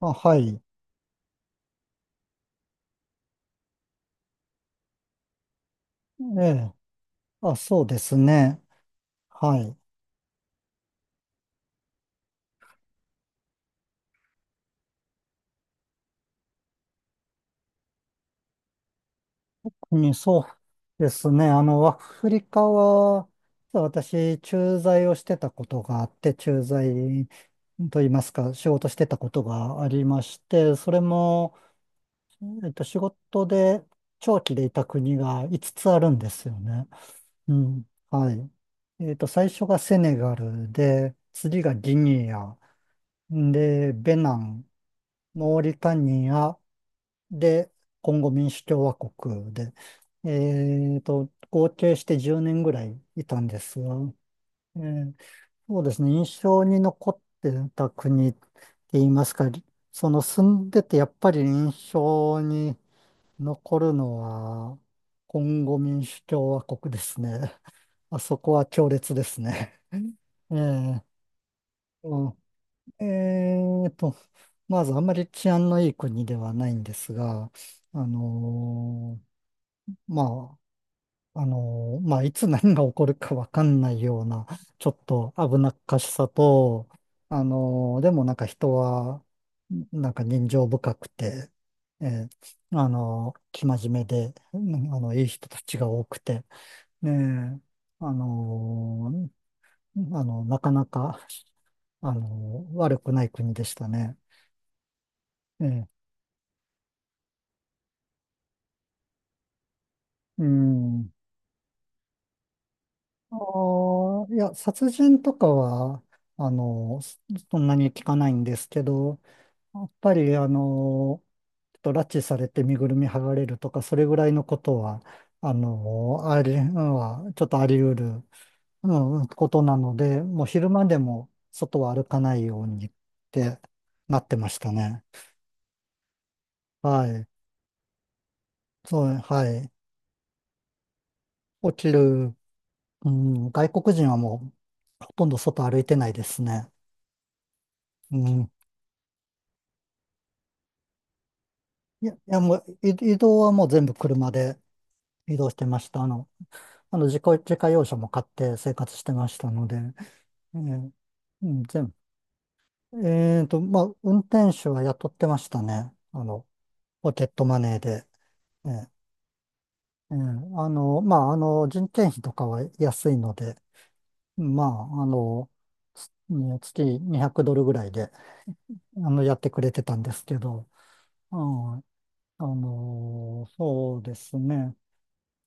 あ、はい。ええ。あ、そうですね。はい。そうですね。あの、アフリカは、実は私、駐在をしてたことがあって、駐在といいますか、仕事してたことがありまして、それも、仕事で長期でいた国が5つつあるんですよね。うん。はい。最初がセネガルで、次がギニア、で、ベナン、モーリタニア、で、コンゴ民主共和国で、え合計して10年ぐらいいたんですが、えーそうですね、印象に残ってた国って言いますか、その住んでてやっぱり印象に残るのは、コンゴ民主共和国ですね。あそこは強烈ですね。えーえーと、まずあんまり治安のいい国ではないんですが、あのーまあ、あの、まあ、いつ何が起こるかわかんないような、ちょっと危なっかしさと、あの、でもなんか人は、なんか人情深くて、えあの、生真面目で、うん、あの、いい人たちが多くて、ねえ、あの、あの、なかなか、あの、悪くない国でしたね。ええ、うん。ああ、いや、殺人とかは、あの、そんなに聞かないんですけど、やっぱり、あの、ちょっと拉致されて身ぐるみ剥がれるとか、それぐらいのことは、あの、あり、うん、は、ちょっとあり得る、うん、ことなので、もう昼間でも外は歩かないようにってなってましたね。はい。そう、はい。起きる、うん、外国人はもう、ほとんど外歩いてないですね。うん。いや、いやもう、移動はもう全部車で移動してました。あの、あの、自家用車も買って生活してましたので。えー、うん、全部。まあ、運転手は雇ってましたね。あの、ポケットマネーで。えーあの、まあ、あの、人件費とかは安いので、まあ、あの、つね月200ドルぐらいで、あの、やってくれてたんですけど、うん、あの、そうですね。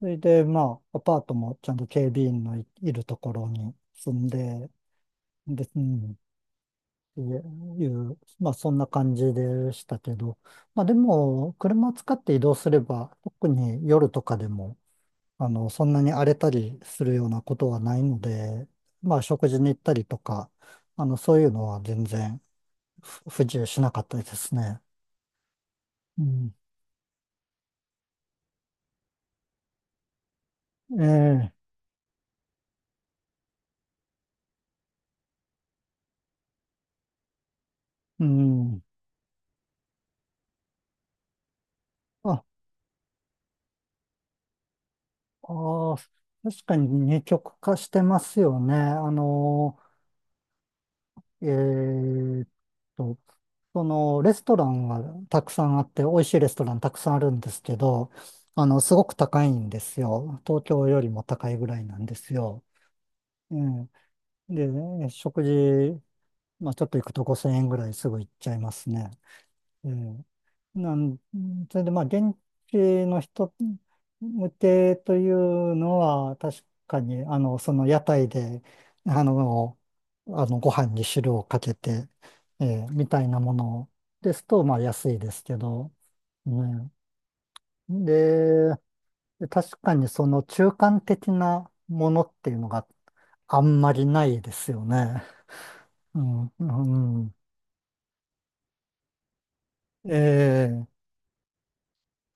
それで、まあ、アパートもちゃんと警備員のいるところに住んで、で、うん、いう、まあそんな感じでしたけど、まあでも、車を使って移動すれば、特に夜とかでも、あの、そんなに荒れたりするようなことはないので、まあ食事に行ったりとか、あの、そういうのは全然不自由しなかったですね。うん。ええ、うん。あ、ああ、確かに二極化してますよね。あの、えーっと、そのレストランはたくさんあって、美味しいレストランたくさんあるんですけど、あの、すごく高いんですよ。東京よりも高いぐらいなんですよ。うん。で、食事、まあちょっと行くと5000円ぐらいすぐ行っちゃいますね。ええ、なん、それでまあ、現地の人向けというのは、確かに、あの、その屋台で、あの、あのご飯に汁をかけて、ええみたいなものですと、まあ、安いですけど、ね。で、確かにその中間的なものっていうのがあんまりないですよね。うん、うん、ええ、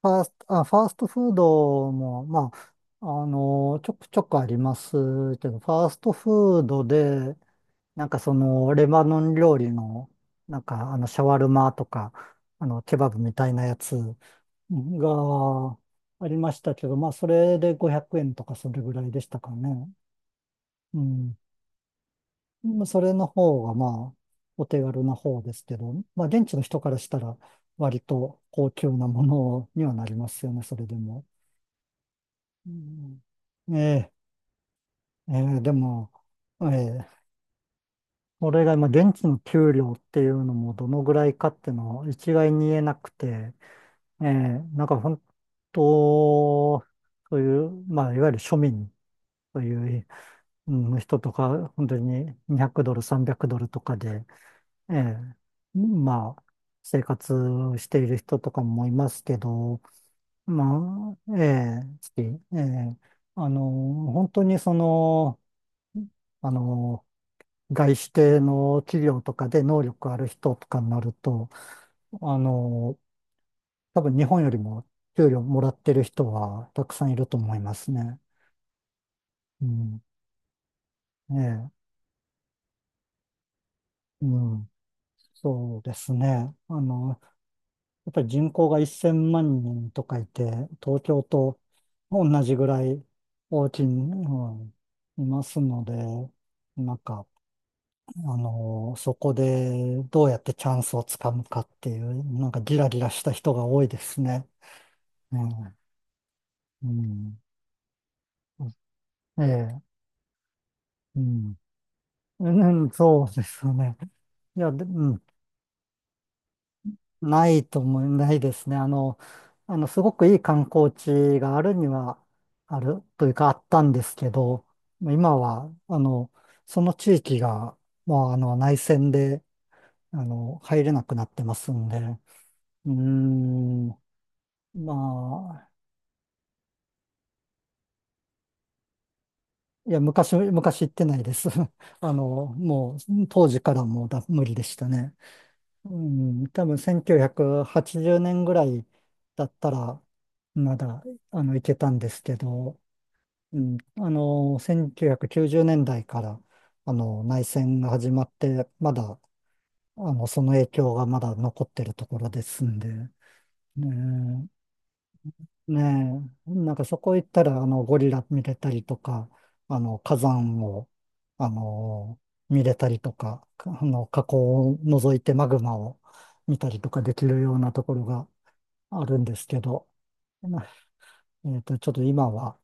ファーストフードも、まあ、あの、ちょくちょくありますけど、ファーストフードで、なんかその、レバノン料理の、なんか、あの、シャワルマとか、あの、ケバブみたいなやつがありましたけど、まあ、それで500円とかそれぐらいでしたかね。うん。まあそれの方が、まあ、お手軽な方ですけど、まあ、現地の人からしたら、割と高級なものにはなりますよね、それでも。うん、ええ、ええ、でも、ええ、それが今、現地の給料っていうのもどのぐらいかっていうのを一概に言えなくて、ええ、なんか本当、そういう、まあ、いわゆる庶民という、うん、人とか、本当に200ドル、300ドルとかで、ええ、まあ、生活している人とかもいますけど、まあ、ええ、ええ、あの、本当にその、あの、外資系の企業とかで能力ある人とかになると、あの、多分日本よりも給料もらってる人はたくさんいると思いますね。うん。ねえ。うん。そうですね。あの、やっぱり人口が1000万人とかいて、東京と同じぐらい大きい、うん、いますので、なんか、あの、そこでどうやってチャンスをつかむかっていう、なんかギラギラした人が多いですね。ええ、うん。ええ、うん。うん、そうですよね。いや、で、うん、ないと思い、ないですね。あの、あの、すごくいい観光地があるには、あるというか、あったんですけど、今は、あの、その地域が、まあ、あの、内戦で、あの、入れなくなってますんで、うーん、まあ、いや、昔行ってないです。あの、もう、当時からもう無理でしたね。うん、多分1980年ぐらいだったら、まだ、あの、いけたんですけど、うん、あの、1990年代から、あの、内戦が始まって、まだ、あの、その影響がまだ残ってるところですんで、ねねえ、なんかそこ行ったら、あの、ゴリラ見れたりとか、あの、火山を、あの、見れたりとか、あの、火口を覗いてマグマを見たりとかできるようなところがあるんですけど、なちょっと今は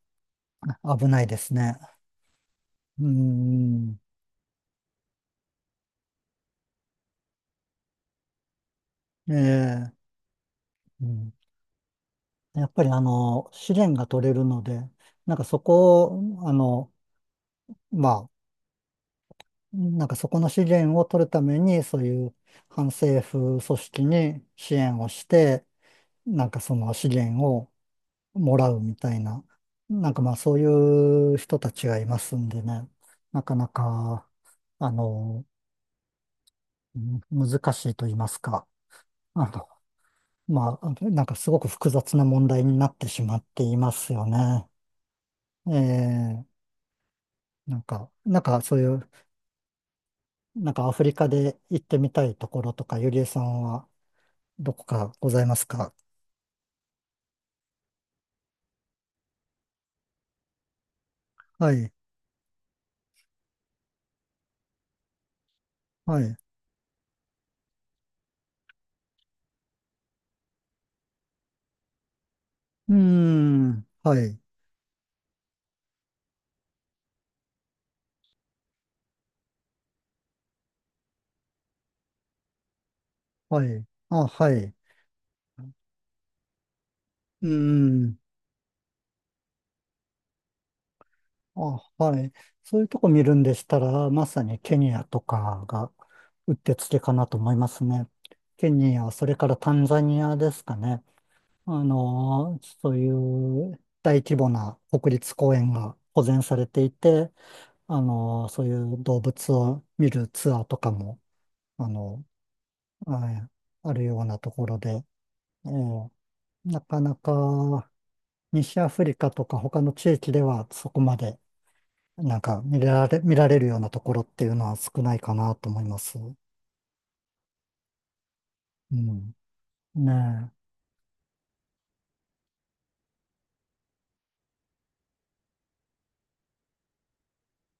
危ないですね。うーん、ええ、うん、やっぱりあの、試練が取れるので、なんかそこを、あの、まあ、なんかそこの資源を取るために、そういう反政府組織に支援をして、なんかその資源をもらうみたいな、なんかまあそういう人たちがいますんでね、なかなか、あの、うん、難しいと言いますか、あの、まあ、なんかすごく複雑な問題になってしまっていますよね。ええ、なんか、なんかそういう、なんかアフリカで行ってみたいところとか、ゆりえさんはどこかございますか？はい、はい。うーん、はい、はい。あ、はい。うーん、あ、はい。そういうとこ見るんでしたら、まさにケニアとかがうってつけかなと思いますね。ケニア、それからタンザニアですかね。そういう大規模な国立公園が保全されていて、そういう動物を見るツアーとかも、あの、はい、あるようなところで、ええ、なかなか西アフリカとか他の地域ではそこまでなんか見られるようなところっていうのは少ないかなと思います。うん。ね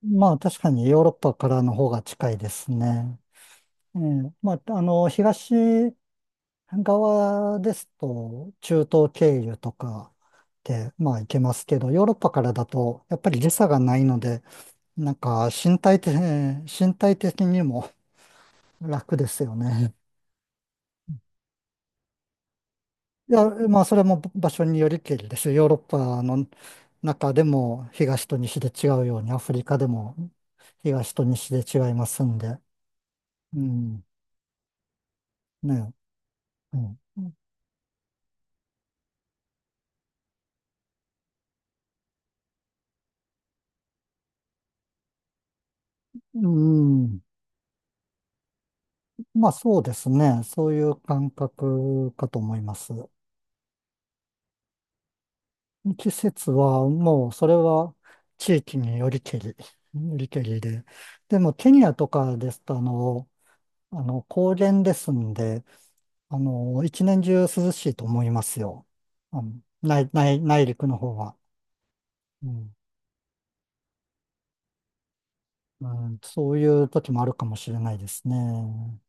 え。まあ確かにヨーロッパからの方が近いですね。ええ、まああの東側ですと中東経由とかでまあ行けますけど、ヨーロッパからだとやっぱり時差がないので、なんか身体的にも楽ですよね。いや、まあ、それも場所によりけりですよ。ヨーロッパの中でも東と西で違うように、アフリカでも東と西で違いますんで。うん。ね。うん。うん、まあ、そうですね。そういう感覚かと思います。季節はもう、それは地域によりけりで。でも、ケニアとかですと、あの、あの、高原ですんで、あの、一年中涼しいと思いますよ。あの、内陸の方は。うん、うん、そういう時もあるかもしれないですね。